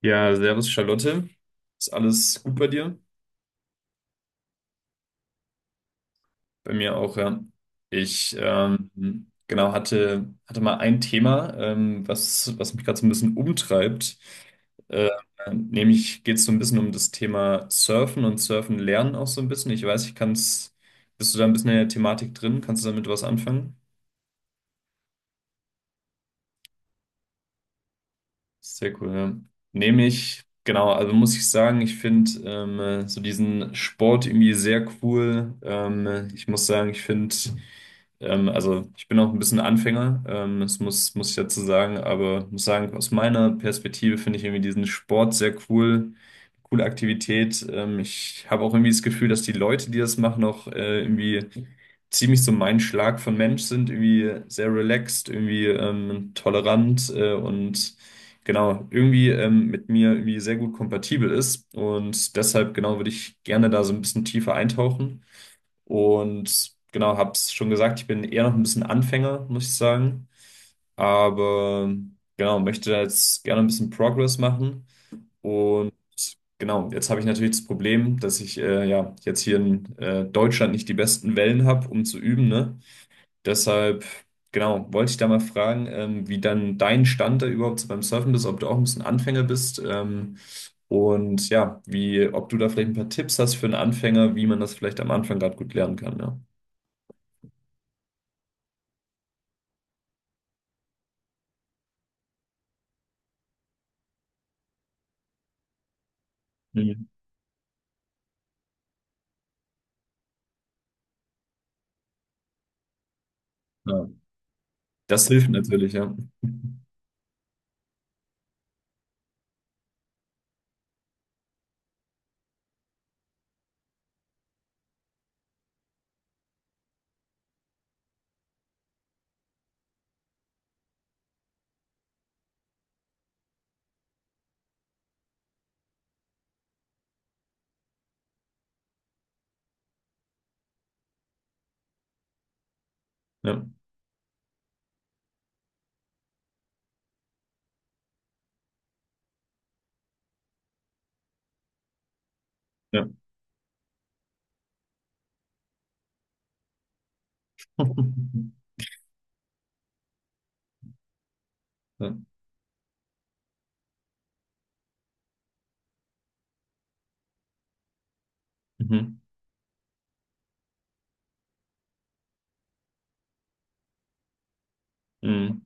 Ja, servus Charlotte. Ist alles gut bei dir? Bei mir auch, ja. Ich genau hatte mal ein Thema, was mich gerade so ein bisschen umtreibt. Äh, Nämlich geht es so ein bisschen um das Thema Surfen und Surfen lernen auch so ein bisschen. Ich weiß, ich kann es. Bist du da ein bisschen in der Thematik drin? Kannst du damit was anfangen? Sehr cool, ja. Nehme ich, genau, also muss ich sagen, ich finde so diesen Sport irgendwie sehr cool. Ich muss sagen, ich finde, also ich bin auch ein bisschen Anfänger, das muss ich dazu sagen, aber muss sagen, aus meiner Perspektive finde ich irgendwie diesen Sport sehr cool, coole Aktivität. Ich habe auch irgendwie das Gefühl, dass die Leute, die das machen, auch irgendwie ziemlich so mein Schlag von Mensch sind, irgendwie sehr relaxed, irgendwie tolerant und genau, irgendwie mit mir irgendwie sehr gut kompatibel ist. Und deshalb, genau, würde ich gerne da so ein bisschen tiefer eintauchen. Und genau, habe es schon gesagt, ich bin eher noch ein bisschen Anfänger, muss ich sagen. Aber genau, möchte da jetzt gerne ein bisschen Progress machen. Und genau, jetzt habe ich natürlich das Problem, dass ich ja jetzt hier in Deutschland nicht die besten Wellen habe, um zu üben, ne? Deshalb, genau, wollte ich da mal fragen, wie dann dein Stand da überhaupt so beim Surfen ist, ob du auch ein bisschen Anfänger bist, und ja, ob du da vielleicht ein paar Tipps hast für einen Anfänger, wie man das vielleicht am Anfang gerade gut lernen kann, ja. Mhm. Ja. Das hilft natürlich, ja. Ja, ja. Ja. Mhm. Mhm.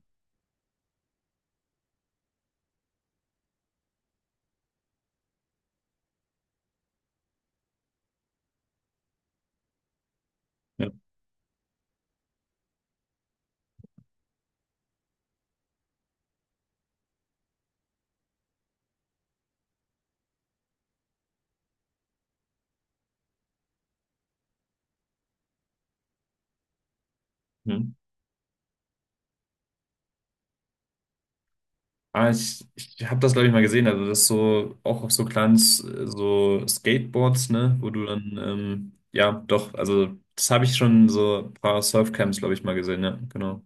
Ja. Mhm. Ah, ich habe das, glaube ich, mal gesehen. Also, das ist so auch auf so kleinen so Skateboards, ne, wo du dann, ja, doch, also, das habe ich schon so ein paar Surfcamps, glaube ich, mal gesehen, ja, genau.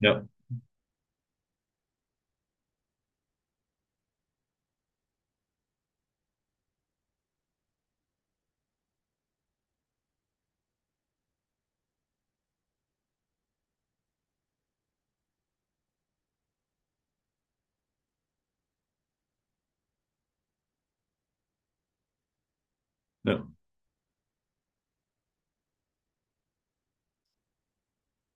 Ja, ja.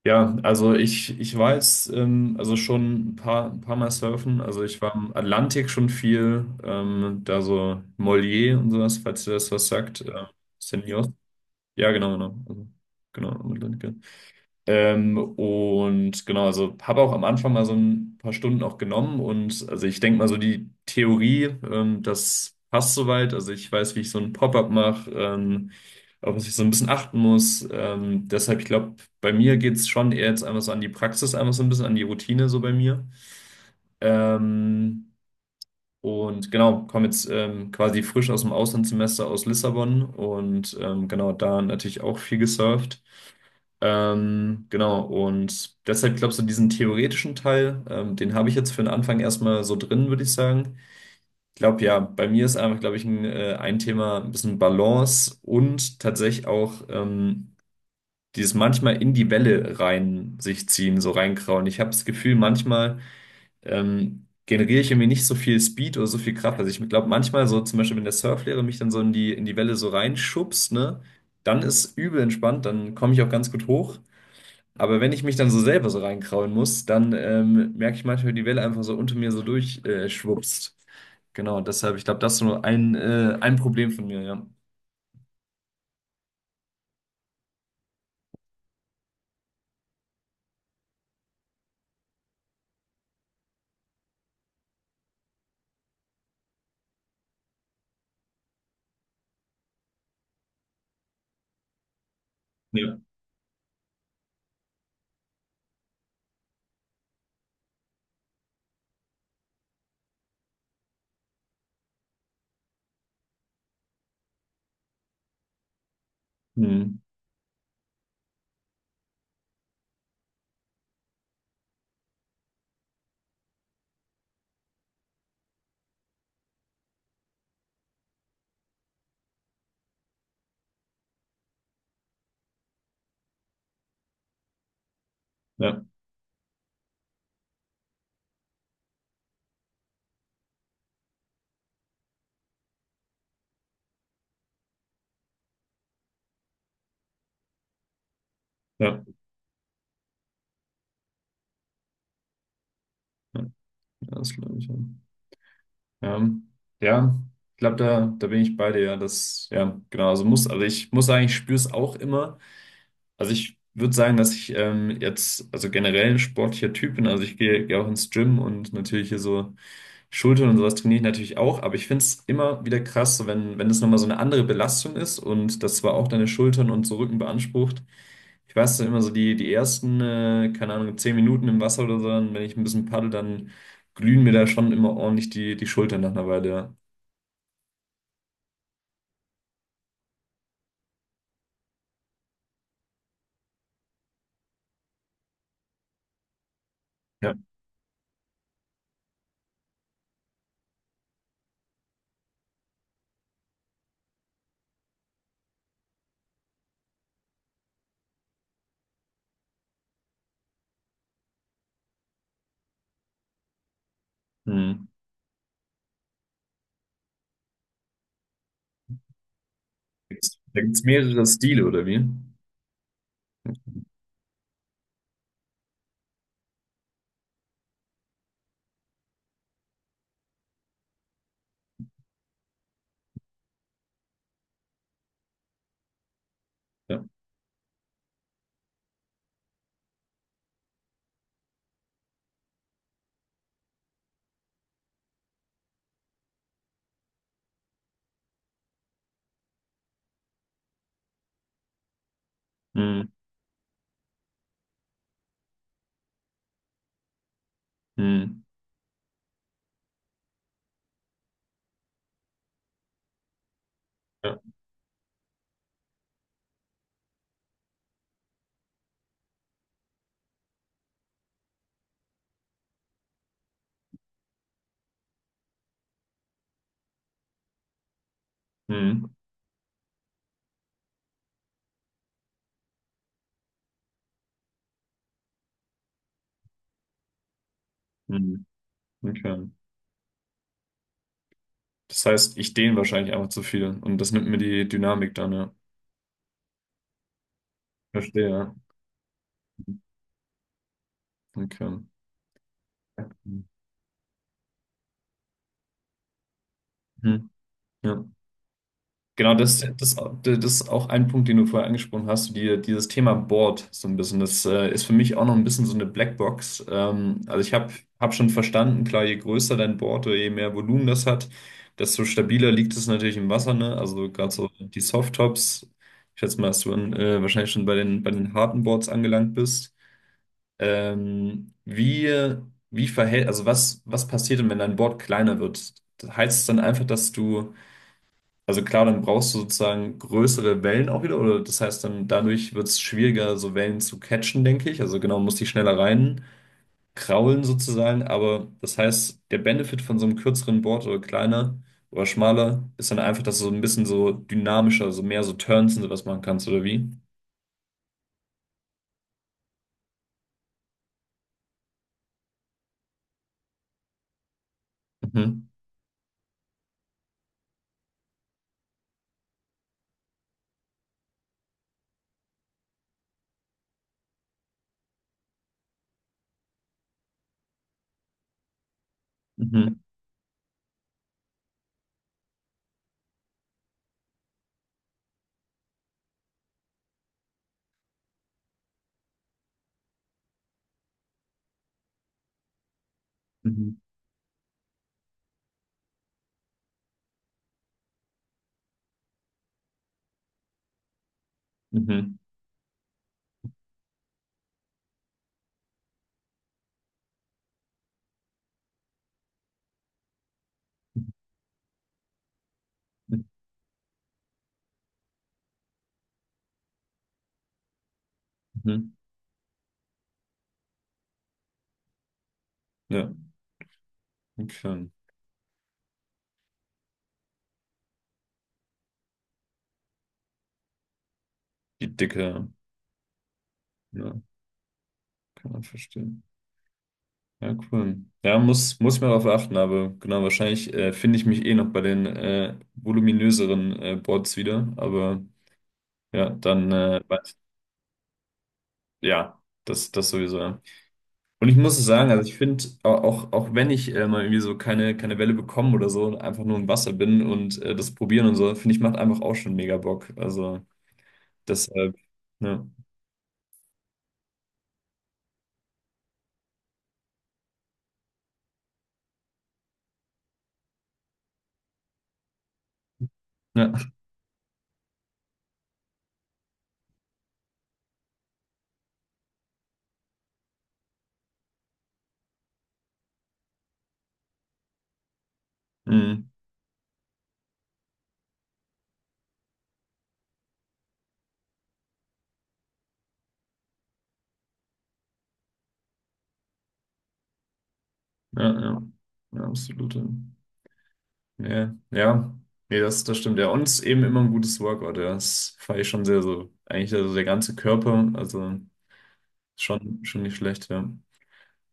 Ja, also ich war jetzt also schon ein paar Mal surfen. Also ich war im Atlantik schon viel, da so Mollier und sowas, falls dir das was sagt. Senior. Ja, genau, genau. Also, genau, im Atlantik. Ja. Und genau, also habe auch am Anfang mal so ein paar Stunden auch genommen und also ich denke mal so die Theorie, das passt soweit. Also ich weiß, wie ich so ein Pop-up mache, auf was ich so ein bisschen achten muss. Deshalb, ich glaube, bei mir geht es schon eher jetzt einfach so an die Praxis, einfach so ein bisschen an die Routine so bei mir. Ähm, und genau, komme jetzt quasi frisch aus dem Auslandssemester aus Lissabon und genau da natürlich auch viel gesurft. Genau, und deshalb glaubst du, diesen theoretischen Teil, den habe ich jetzt für den Anfang erstmal so drin, würde ich sagen. Ich glaube, ja, bei mir ist einfach, glaube ich, ein Thema ein bisschen Balance und tatsächlich auch dieses manchmal in die Welle rein sich ziehen, so reinkrauen. Ich habe das Gefühl, manchmal generiere ich irgendwie nicht so viel Speed oder so viel Kraft. Also ich glaube manchmal so zum Beispiel, wenn der Surflehrer mich dann so in die Welle so reinschubst, ne, dann ist übel entspannt, dann komme ich auch ganz gut hoch. Aber wenn ich mich dann so selber so reinkrauen muss, dann merke ich manchmal, wie die Welle einfach so unter mir so durchschwupst. Schwupst. Genau, deshalb, ich glaube, das ist nur ein Problem von mir, ja. Ja. Hm. Ja, ja, ja, ja, das glaube ich, ja. Ja, ja, ich glaube, da bin ich bei dir, ja. Das, ja, genau, also ich muss sagen, ich spüre es auch immer. Also ich würde sagen, dass ich jetzt, also generell ein sportlicher Typ bin. Also ich gehe auch ins Gym und natürlich hier so Schultern und sowas trainiere ich natürlich auch. Aber ich finde es immer wieder krass, so wenn es nochmal so eine andere Belastung ist und das zwar auch deine Schultern und so Rücken beansprucht. Ich weiß dann immer so die ersten, keine Ahnung, 10 Minuten im Wasser oder so, dann, wenn ich ein bisschen paddel, dann glühen mir da schon immer ordentlich die Schultern nach einer Weile. Ja. Ja. Hm. Da gibt's da mehrere Stile, oder wie? Ja. Hm. Hm. Ja. Hm. Hm, okay. Das heißt, ich dehne wahrscheinlich einfach zu viel und das nimmt mir die Dynamik dann, ja. Verstehe, ja. Okay. Hm, ja. Genau, das ist auch ein Punkt, den du vorher angesprochen hast, die, dieses Thema Board so ein bisschen. Das ist für mich auch noch ein bisschen so eine Blackbox. Also ich habe hab hab schon verstanden, klar, je größer dein Board oder je mehr Volumen das hat, desto stabiler liegt es natürlich im Wasser, ne? Also gerade so die Softtops, ich schätze mal, dass du wahrscheinlich schon bei den harten Boards angelangt bist. Ähm, wie, wie verhält, also was passiert denn, wenn dein Board kleiner wird? Heißt es dann einfach, dass du, also klar, dann brauchst du sozusagen größere Wellen auch wieder, oder das heißt dann, dadurch wird es schwieriger, so Wellen zu catchen, denke ich. Also genau, muss die schneller rein kraulen sozusagen, aber das heißt, der Benefit von so einem kürzeren Board oder kleiner oder schmaler ist dann einfach, dass du so ein bisschen so dynamischer, so mehr so Turns und sowas machen kannst, oder wie? Mhm. Mhm. Mhm. Mhm. Mhm. Ja, okay. Die Dicke, ja, kann man verstehen. Ja, cool. Ja, muss ich mal darauf achten, aber genau, wahrscheinlich finde ich mich eh noch bei den voluminöseren Boards wieder, aber ja, dann, ja, das sowieso, ja. Und ich muss sagen, also ich finde, auch, auch wenn ich mal irgendwie so keine Welle bekomme oder so, und einfach nur im Wasser bin und das probieren und so, finde ich, macht einfach auch schon mega Bock. Also deshalb, ja, ja, mm, ja, ja, ja, absolut. Ja. Ja, ja. Nee, das stimmt. Ja, und es ist eben immer ein gutes Workout. Ja. Das fand ich schon sehr so. Eigentlich also der ganze Körper, also schon nicht schlecht, ja.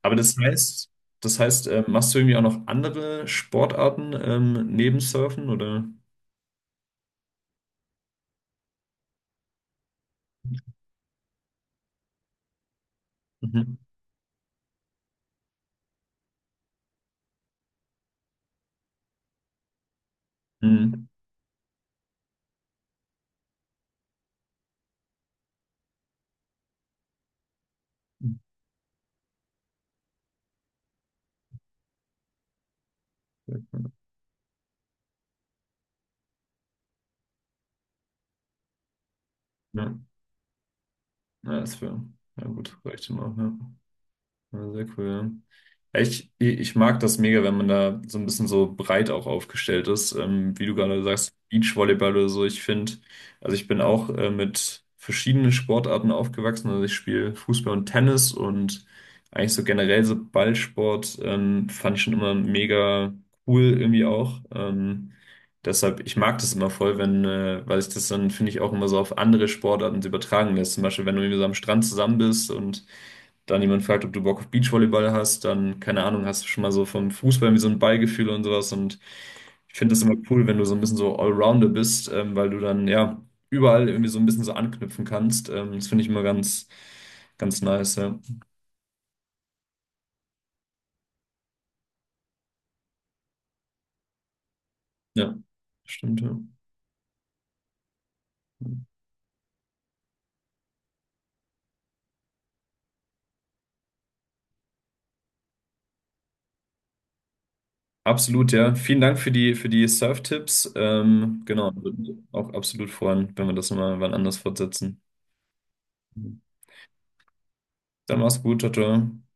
Aber das heißt, machst du irgendwie auch noch andere Sportarten neben Surfen oder? Mhm. Mhm. Ja, ja, das wäre, ja gut, reicht immer, ja. Ja, sehr cool. Ja, ja, ich mag das mega, wenn man da so ein bisschen so breit auch aufgestellt ist. Wie du gerade sagst, Beachvolleyball oder so. Ich finde, also ich bin auch mit verschiedenen Sportarten aufgewachsen. Also ich spiele Fußball und Tennis und eigentlich so generell so Ballsport fand ich schon immer mega cool irgendwie auch. Deshalb, ich mag das immer voll, wenn, weil ich das dann, finde ich, auch immer so auf andere Sportarten so übertragen lässt. Zum Beispiel, wenn du irgendwie so am Strand zusammen bist und dann jemand fragt, ob du Bock auf Beachvolleyball hast, dann, keine Ahnung, hast du schon mal so vom Fußball wie so ein Ballgefühl und sowas. Und ich finde das immer cool, wenn du so ein bisschen so Allrounder bist, weil du dann ja überall irgendwie so ein bisschen so anknüpfen kannst. Das finde ich immer ganz, ganz nice, ja. Ja, stimmt, ja. Absolut, ja. Vielen Dank für die Surf-Tipps. Genau, würde mich auch absolut freuen, wenn wir das mal wann anders fortsetzen. Dann mach's gut, ciao, ciao.